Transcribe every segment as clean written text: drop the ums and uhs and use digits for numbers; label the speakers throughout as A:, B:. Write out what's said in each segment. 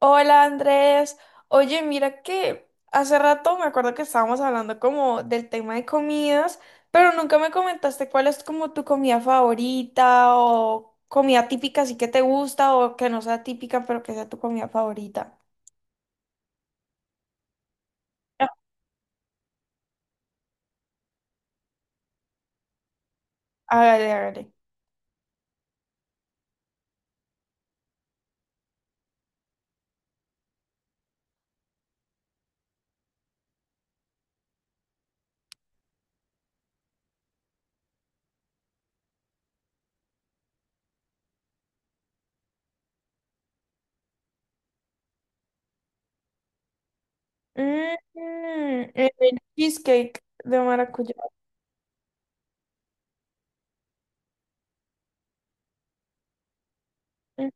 A: Hola Andrés, oye mira que hace rato me acuerdo que estábamos hablando como del tema de comidas, pero nunca me comentaste cuál es como tu comida favorita o comida típica sí que te gusta o que no sea típica pero que sea tu comida favorita. Ah, hágale, hágale. Mm, el cheesecake de maracuyá. Mm.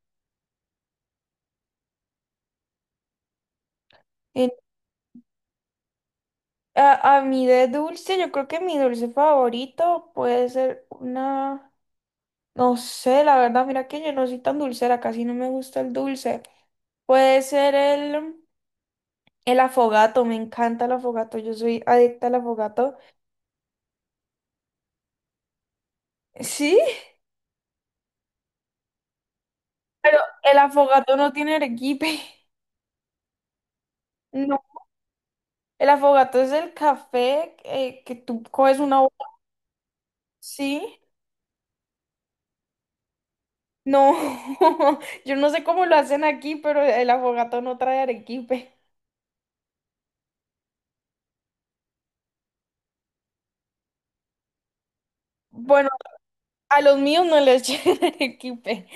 A: En- a mí de dulce, yo creo que mi dulce favorito puede ser una... No sé, la verdad, mira que yo no soy tan dulcera, casi no me gusta el dulce. Puede ser el afogato, me encanta el afogato, yo soy adicta al afogato. Sí, pero el afogato no tiene arequipe. No, el afogato es el café que tú coges una... Sí, no, yo no sé cómo lo hacen aquí, pero el afogato no trae arequipe. Bueno, a los míos no les llega arequipe.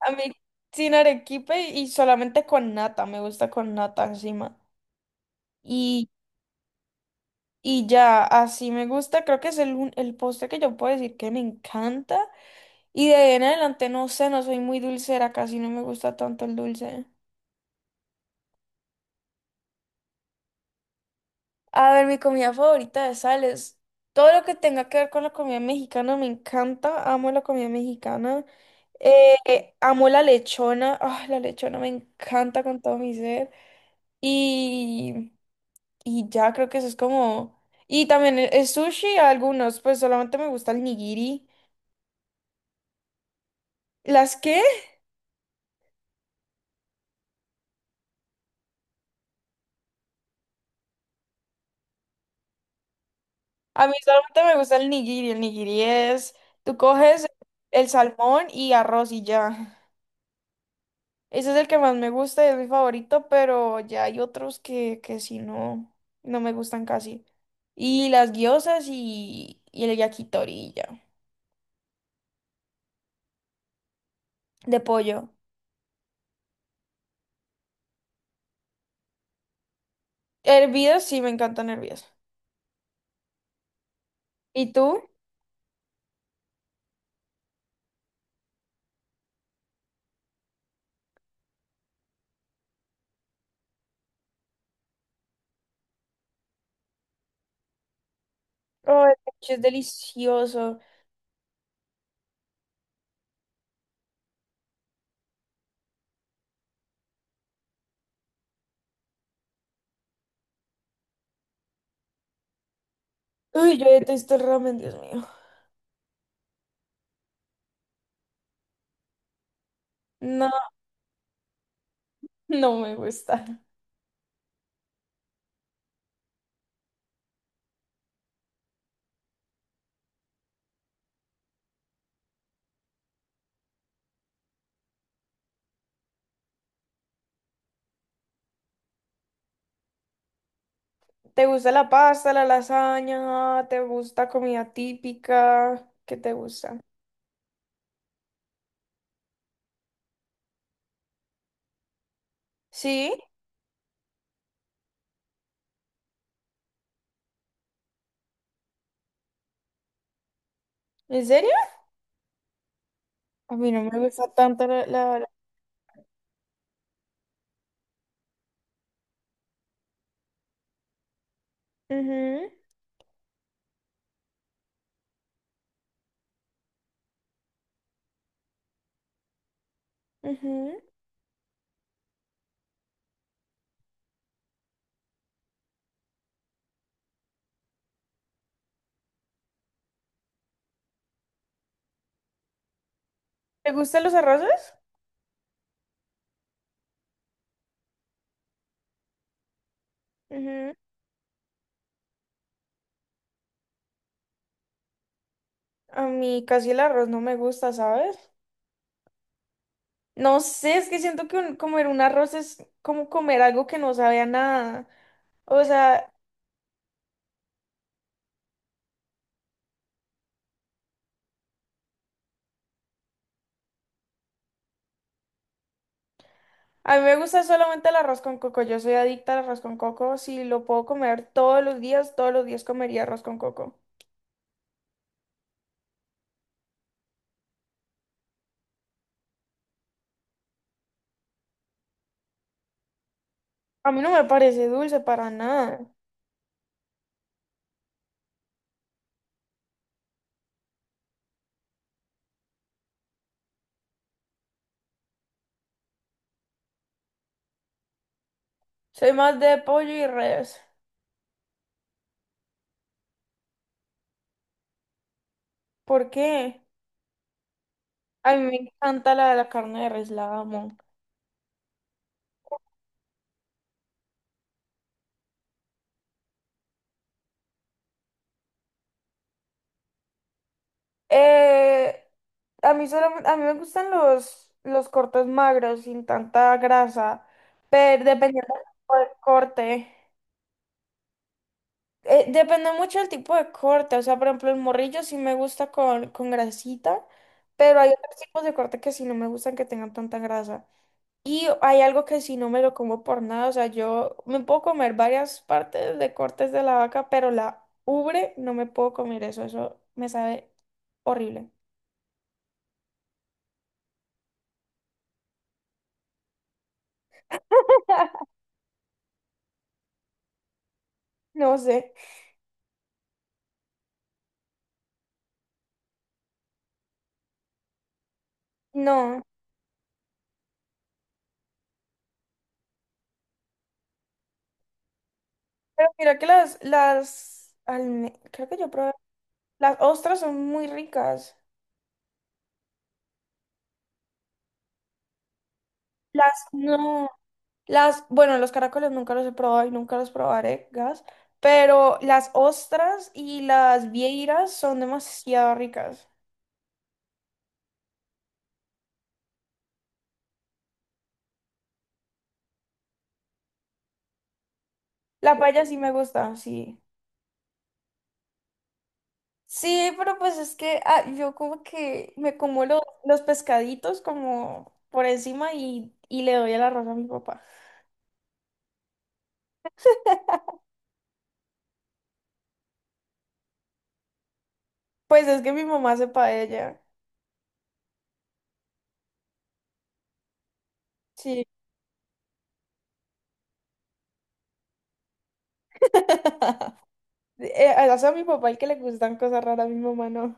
A: A mí sin arequipe y solamente con nata, me gusta con nata encima. Y, y ya, así me gusta, creo que es el postre que yo puedo decir que me encanta. Y de ahí en adelante, no sé, no soy muy dulcera, casi no me gusta tanto el dulce. A ver, mi comida favorita de sal es todo lo que tenga que ver con la comida mexicana, me encanta, amo la comida mexicana. Amo la lechona, ah, la lechona me encanta con todo mi ser. Y... Y ya creo que eso es como... Y también el sushi, algunos, pues solamente me gusta el nigiri. ¿Las qué? A mí solamente me gusta el nigiri. El nigiri es, tú coges el salmón y arroz y ya. Ese es el que más me gusta y es mi favorito, pero ya hay otros que sí no, no me gustan casi. Y las gyozas y el yakitori y ya. De pollo. Hervidas, sí, me encantan hervidas. ¿Y tú? Oh, el sushi es delicioso. Uy, yo detesto el ramen, Dios mío. No, no me gusta. ¿Te gusta la pasta, la lasaña? ¿Te gusta comida típica? ¿Qué te gusta? ¿Sí? ¿En serio? A mí no me gusta tanto la... Ujú, ujú. ¿Te gustan los arroces? Ujú. A mí casi el arroz no me gusta, ¿sabes? No sé, es que siento que comer un arroz es como comer algo que no sabe a nada. O sea, a mí me gusta solamente el arroz con coco. Yo soy adicta al arroz con coco. Si lo puedo comer todos los días comería arroz con coco. A mí no me parece dulce para nada. Soy más de pollo y res. ¿Por qué? A mí me encanta la carne de res, la amo. Eh, a mí solamente, a mí me gustan los cortes magros, sin tanta grasa, pero dependiendo del tipo de corte. Depende mucho del tipo de corte, o sea, por ejemplo, el morrillo sí me gusta con grasita, pero hay otros tipos de corte que sí no me gustan que tengan tanta grasa. Y hay algo que sí no me lo como por nada, o sea, yo me puedo comer varias partes de cortes de la vaca, pero la ubre no me puedo comer eso, eso me sabe horrible. No sé, no, pero mira que creo que yo probé, las ostras son muy ricas, las no. Las, bueno, los caracoles nunca los he probado y nunca los probaré, gas, pero las ostras y las vieiras son demasiado ricas. La paella sí me gusta, sí. Sí, pero pues es que ah, yo como que me como los pescaditos como por encima y le doy el arroz a mi papá. Pues es que mi mamá hace paella, sí. Hace a mi papá el que le gustan cosas raras, a mi mamá no.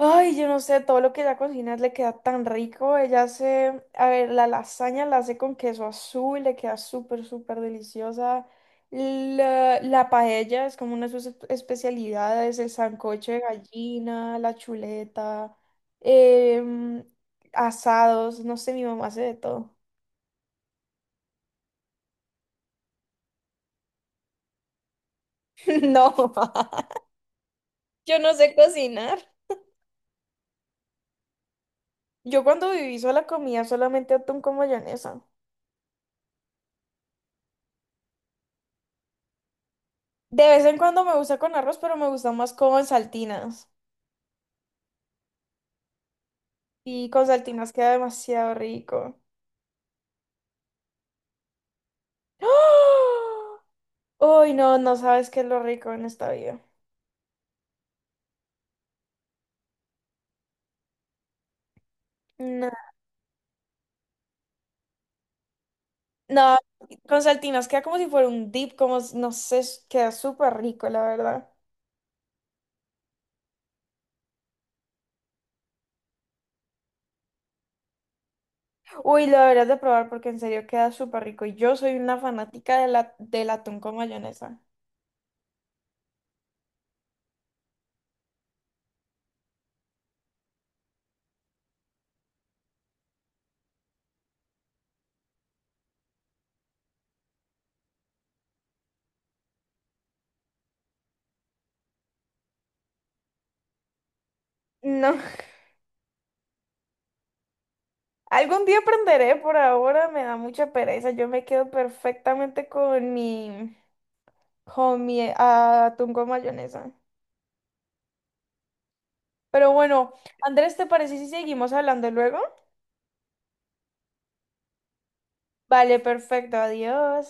A: Ay, yo no sé, todo lo que ella cocina le queda tan rico. Ella hace, a ver, la lasaña la hace con queso azul, le queda súper, súper deliciosa. La paella es como una de sus especialidades, el sancocho de gallina, la chuleta, em, asados, no sé, mi mamá hace de todo. No, mamá, yo no sé cocinar. Yo cuando viví sola comía solamente atún con mayonesa. De vez en cuando me gusta con arroz, pero me gusta más con saltinas. Y con saltinas queda demasiado rico. ¡Ah! Uy, no, no sabes qué es lo rico en esta vida. No, no, con saltinas queda como si fuera un dip, no sé, queda súper rico, la verdad. Uy, lo deberías de probar porque en serio queda súper rico. Y yo soy una fanática de del atún con mayonesa. No, algún día aprenderé, por ahora me da mucha pereza. Yo me quedo perfectamente con mi atún con mayonesa. Pero bueno, Andrés, ¿te parece si seguimos hablando luego? Vale, perfecto, adiós.